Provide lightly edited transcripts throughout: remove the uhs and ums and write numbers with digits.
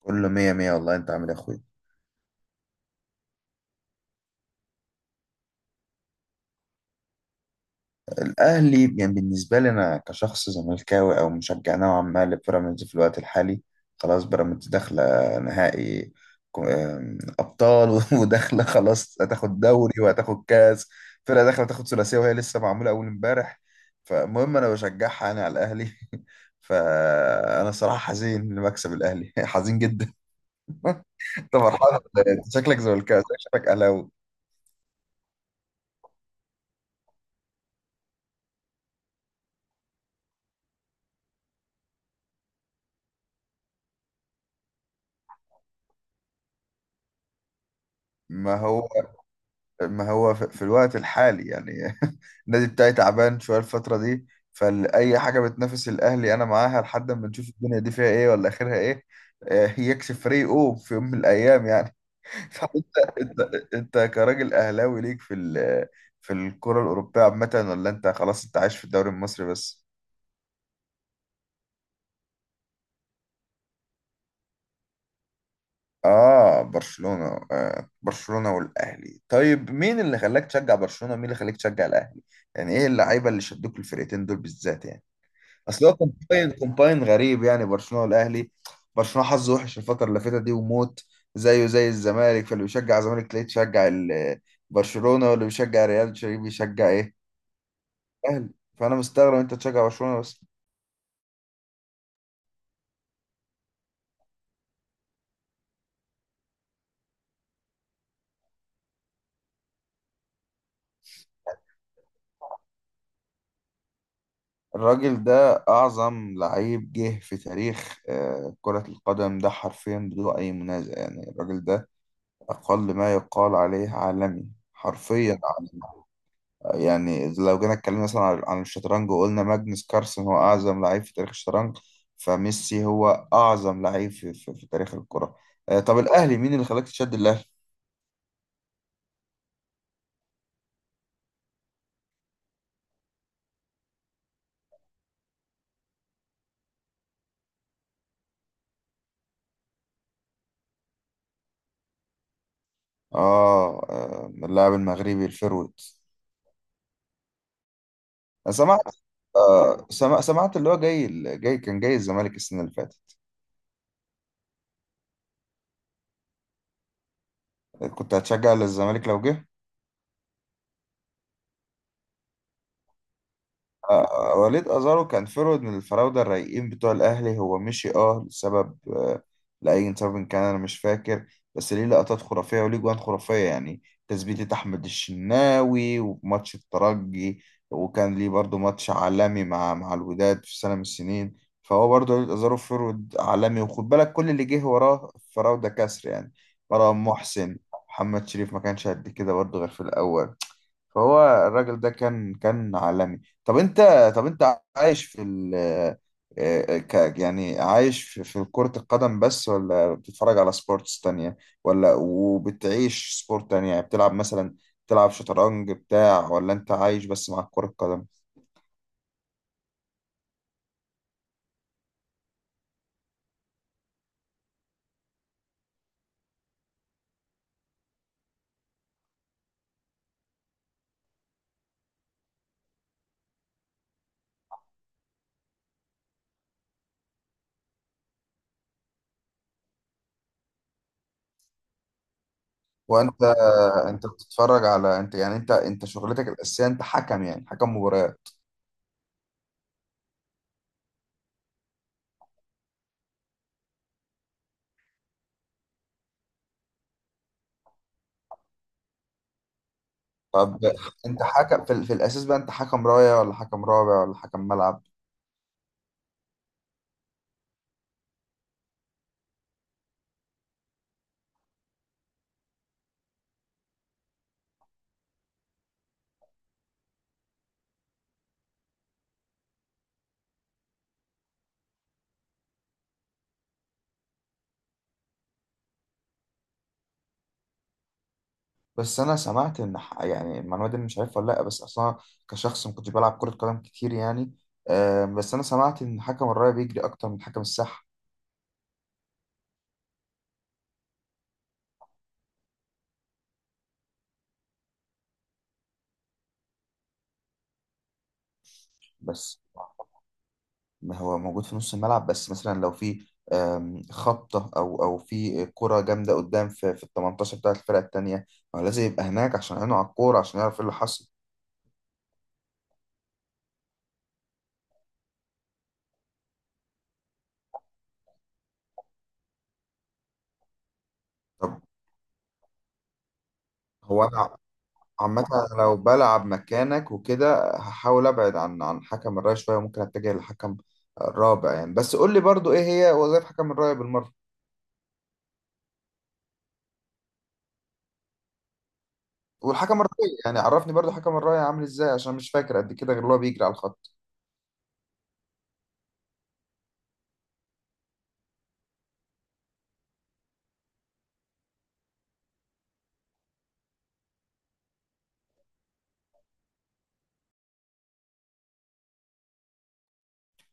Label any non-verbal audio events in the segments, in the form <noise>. كله مية مية والله انت عامل إيه يا اخويا. الاهلي يعني بالنسبة لي انا كشخص زملكاوي او مشجع نوعا ما لبيراميدز في الوقت الحالي. خلاص بيراميدز داخلة نهائي. كو- آم، ابطال <laughs> وداخلة خلاص هتاخد دوري وهتاخد كاس. فرقة داخلة تاخد ثلاثية وهي لسه معمولة اول امبارح. فالمهم انا بشجعها انا على الاهلي. <laughs> فانا صراحة حزين لمكسب الاهلي، <laughs> حزين جدا. انت فرحان ولا ايه؟ شكلك زملكاوي شكلك اهلاوي. ما هو ما هو في الوقت الحالي يعني <laughs> النادي بتاعي تعبان شوية الفترة دي. فأي حاجة بتنافس الأهلي أنا معاها لحد ما نشوف الدنيا دي فيها إيه ولا آخرها إيه. يكسب فريقه في يوم من الأيام يعني. <laughs> فأنت أنت أنت كراجل أهلاوي ليك في الكرة الأوروبية عامة ولا أنت خلاص أنت عايش في الدوري المصري بس؟ آه برشلونة آه برشلونة والأهلي. طيب مين اللي خلاك تشجع برشلونة ومين اللي خلاك تشجع الأهلي؟ يعني إيه اللعيبة اللي شدوك الفرقتين دول بالذات يعني؟ اصل هو كومباين غريب يعني برشلونه والاهلي. برشلونه حظه وحش الفتره اللي فاتت دي وموت. زيه زي الزمالك. فاللي بيشجع الزمالك تلاقيه تشجع ال- برشلونه واللي بيشجع ريال تلاقيه بيشجع ايه، الاهلي. فانا مستغرب انت تشجع برشلونه بس. الراجل ده اعظم لعيب جه في تاريخ كرة القدم، ده حرفيا بدون اي منازع يعني. الراجل ده اقل ما يقال عليه عالمي، حرفيا عالمي. يعني لو جينا اتكلمنا مثلا عن الشطرنج وقلنا ماجنس كارلسن هو أعظم لعيب في تاريخ الشطرنج، فميسي هو أعظم لعيب في تاريخ الكرة. طب الأهلي مين اللي خلاك تشد الأهلي؟ اللاعب المغربي الفيرويد. أنا سمعت. سمعت اللي هو جاي، كان جاي الزمالك السنة اللي فاتت. كنت هتشجع الزمالك لو جه؟ وليد أزارو كان فرود من الفراودة الرايقين بتوع الأهلي. هو مشي أه لسبب، لأي سبب كان أنا مش فاكر. بس ليه لقطات خرافية وليه جوان خرافية يعني، تثبيتة أحمد الشناوي وماتش الترجي. وكان ليه برضو ماتش عالمي مع الوداد في سنة من السنين. فهو برضو وليد أزارو فرود عالمي، وخد بالك كل اللي جه وراه الفراودة كسر يعني. مرام محسن، محمد شريف ما كانش قد كده برضو غير في الأول. فهو الراجل ده كان عالمي. طب انت طب انت عايش في ال آه، آه، ك يعني عايش في كرة القدم بس ولا بتتفرج على سبورتس تانية، ولا وبتعيش سبورت تانية يعني بتلعب مثلا، بتلعب شطرنج بتاع ولا انت عايش بس مع كرة القدم؟ وانت انت بتتفرج على انت يعني انت انت شغلتك الأساسية انت حكم يعني حكم مباريات؟ طب انت حكم في الأساس بقى، انت حكم راية ولا حكم رابع ولا حكم ملعب؟ بس انا سمعت ان يعني المعلومه دي أنا مش عارفها ولا لا، بس اصلا كشخص ما كنتش بلعب كره قدم كتير يعني. بس انا سمعت ان حكم الرايه بيجري اكتر من حكم الساحه. بس ما هو موجود في نص الملعب بس، مثلا لو في خبطه او في كره جامده قدام في ال 18 بتاعه الفرقه التانيه، ما هو لازم يبقى هناك عشان عينه على الكوره عشان يعرف ايه اللي حصل. طب هو انا عامة أنا لو بلعب مكانك وكده هحاول ابعد عن حكم الراية شوية، ممكن اتجه لحكم رابع يعني. بس قول لي برضو ايه هي وظائف حكم الراية بالمرة. والحكم الراية يعني عرفني برضو حكم الراية عامل ازاي، عشان مش فاكر قد كده غير اللي هو بيجري على الخط.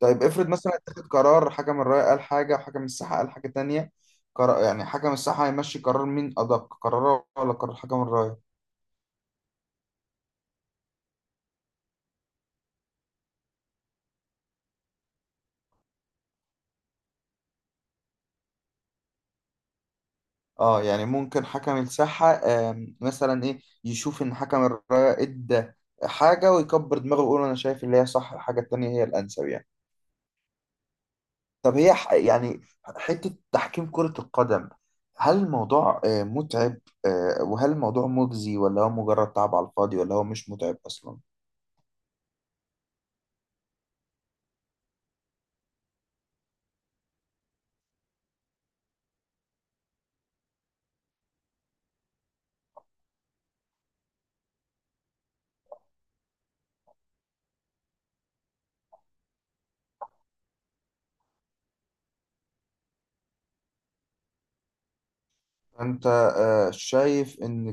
طيب افرض مثلا اتخذ قرار، حكم الراية قال حاجة وحكم الساحة قال حاجة تانية، قرار يعني حكم الساحة هيمشي قرار مين، أدق قراره ولا قرار حكم الراية؟ اه يعني ممكن حكم الساحة مثلا ايه يشوف ان حكم الراية ادى حاجة ويكبر دماغه ويقول انا شايف اللي هي صح، الحاجة التانية هي الانسب يعني. طب هي يعني حتة تحكيم كرة القدم، هل الموضوع متعب؟ وهل الموضوع مجزي ولا هو مجرد تعب على الفاضي، ولا هو مش متعب اصلا؟ انت شايف ان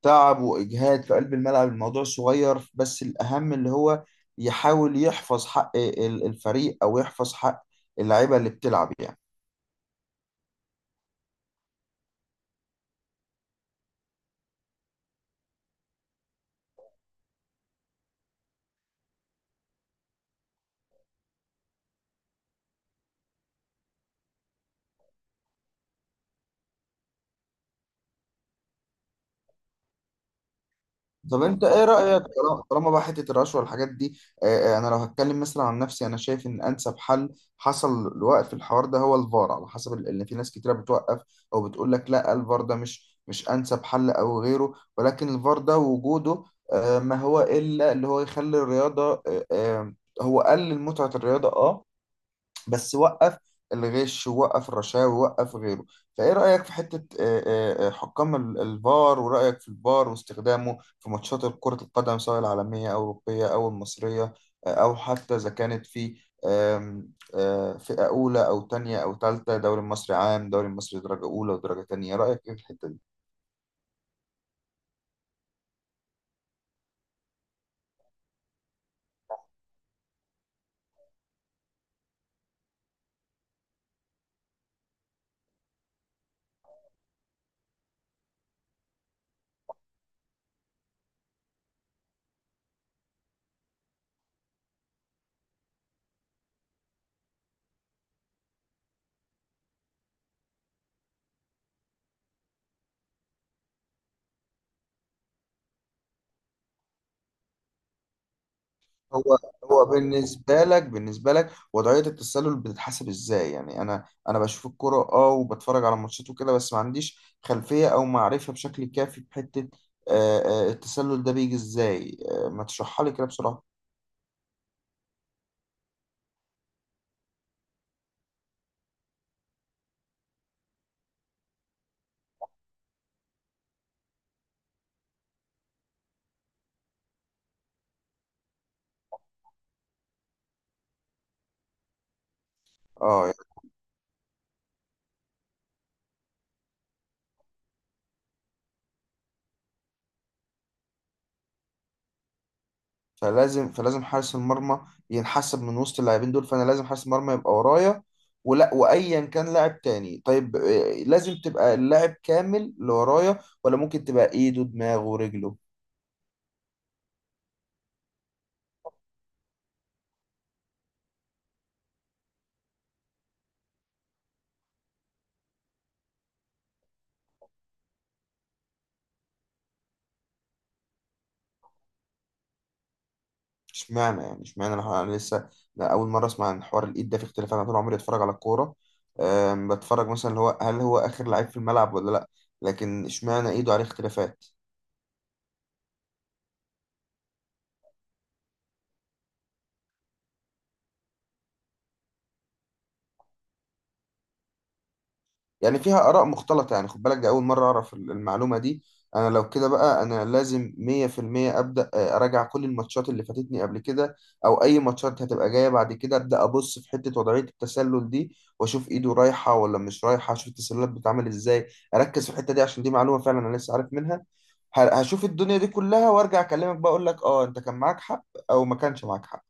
كتعب واجهاد في قلب الملعب الموضوع صغير، بس الاهم اللي هو يحاول يحفظ حق الفريق او يحفظ حق اللعيبه اللي بتلعب يعني. طب انت ايه رأيك، طالما بقى حتة الرشوة والحاجات دي؟ اه، انا لو هتكلم مثلا عن نفسي انا شايف ان انسب حل حصل لوقف الحوار ده هو الفار، على حسب ان في ناس كتيرة بتوقف او بتقول لك لا الفار ده مش انسب حل او غيره، ولكن الفار ده وجوده اه، ما هو الا اللي هو يخلي الرياضة هو قلل متعة الرياضة اه، بس وقف الغش ووقف الرشاوي ووقف غيره. فايه رأيك في حتة حكام الفار، ورأيك في الفار واستخدامه في ماتشات كرة القدم سواء العالمية أو الأوروبية أو المصرية، أو حتى إذا كانت في آم، آه، فئة أولى أو تانية أو تالتة، دوري المصري عام دوري المصري درجة أولى ودرجة تانية، رأيك إيه في الحتة دي؟ هو هو بالنسبة لك وضعية التسلل بتتحسب ازاي؟ يعني انا بشوف الكرة اه وبتفرج على ماتشات وكده، بس ما عنديش خلفية او معرفة بشكل كافي بحتة آه، التسلل ده، بيجي ازاي؟ ما تشرحها لي كده بسرعة. اه يعني فلازم حارس المرمى ينحسب من وسط اللاعبين دول، فانا لازم حارس المرمى يبقى ورايا ولا وايا كان لاعب تاني؟ طيب لازم تبقى اللاعب كامل اللي ورايا ولا ممكن تبقى ايده دماغه ورجله؟ اشمعنى انا لسه، لا اول مره اسمع عن حوار الايد ده في اختلاف. انا طول عمري اتفرج على الكوره، بتفرج مثلا اللي هو هل هو اخر لعيب في الملعب ولا لا، لكن اشمعنى ايده عليه اختلافات؟ يعني فيها آراء مختلطة. يعني خد بالك ده أول مرة أعرف المعلومة دي. أنا لو كده بقى أنا لازم 100% أبدأ أراجع كل الماتشات اللي فاتتني قبل كده أو أي ماتشات هتبقى جاية بعد كده، أبدأ أبص في حتة وضعية التسلل دي وأشوف إيده رايحة ولا مش رايحة، أشوف التسللات بتتعمل إزاي. أركز في الحتة دي عشان دي معلومة فعلا أنا لسه عارف منها. هشوف الدنيا دي كلها وأرجع أكلمك بقى أقول لك أه أنت كان معاك حق أو ما كانش معاك حق.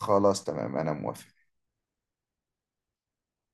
خلاص تمام أنا موافق.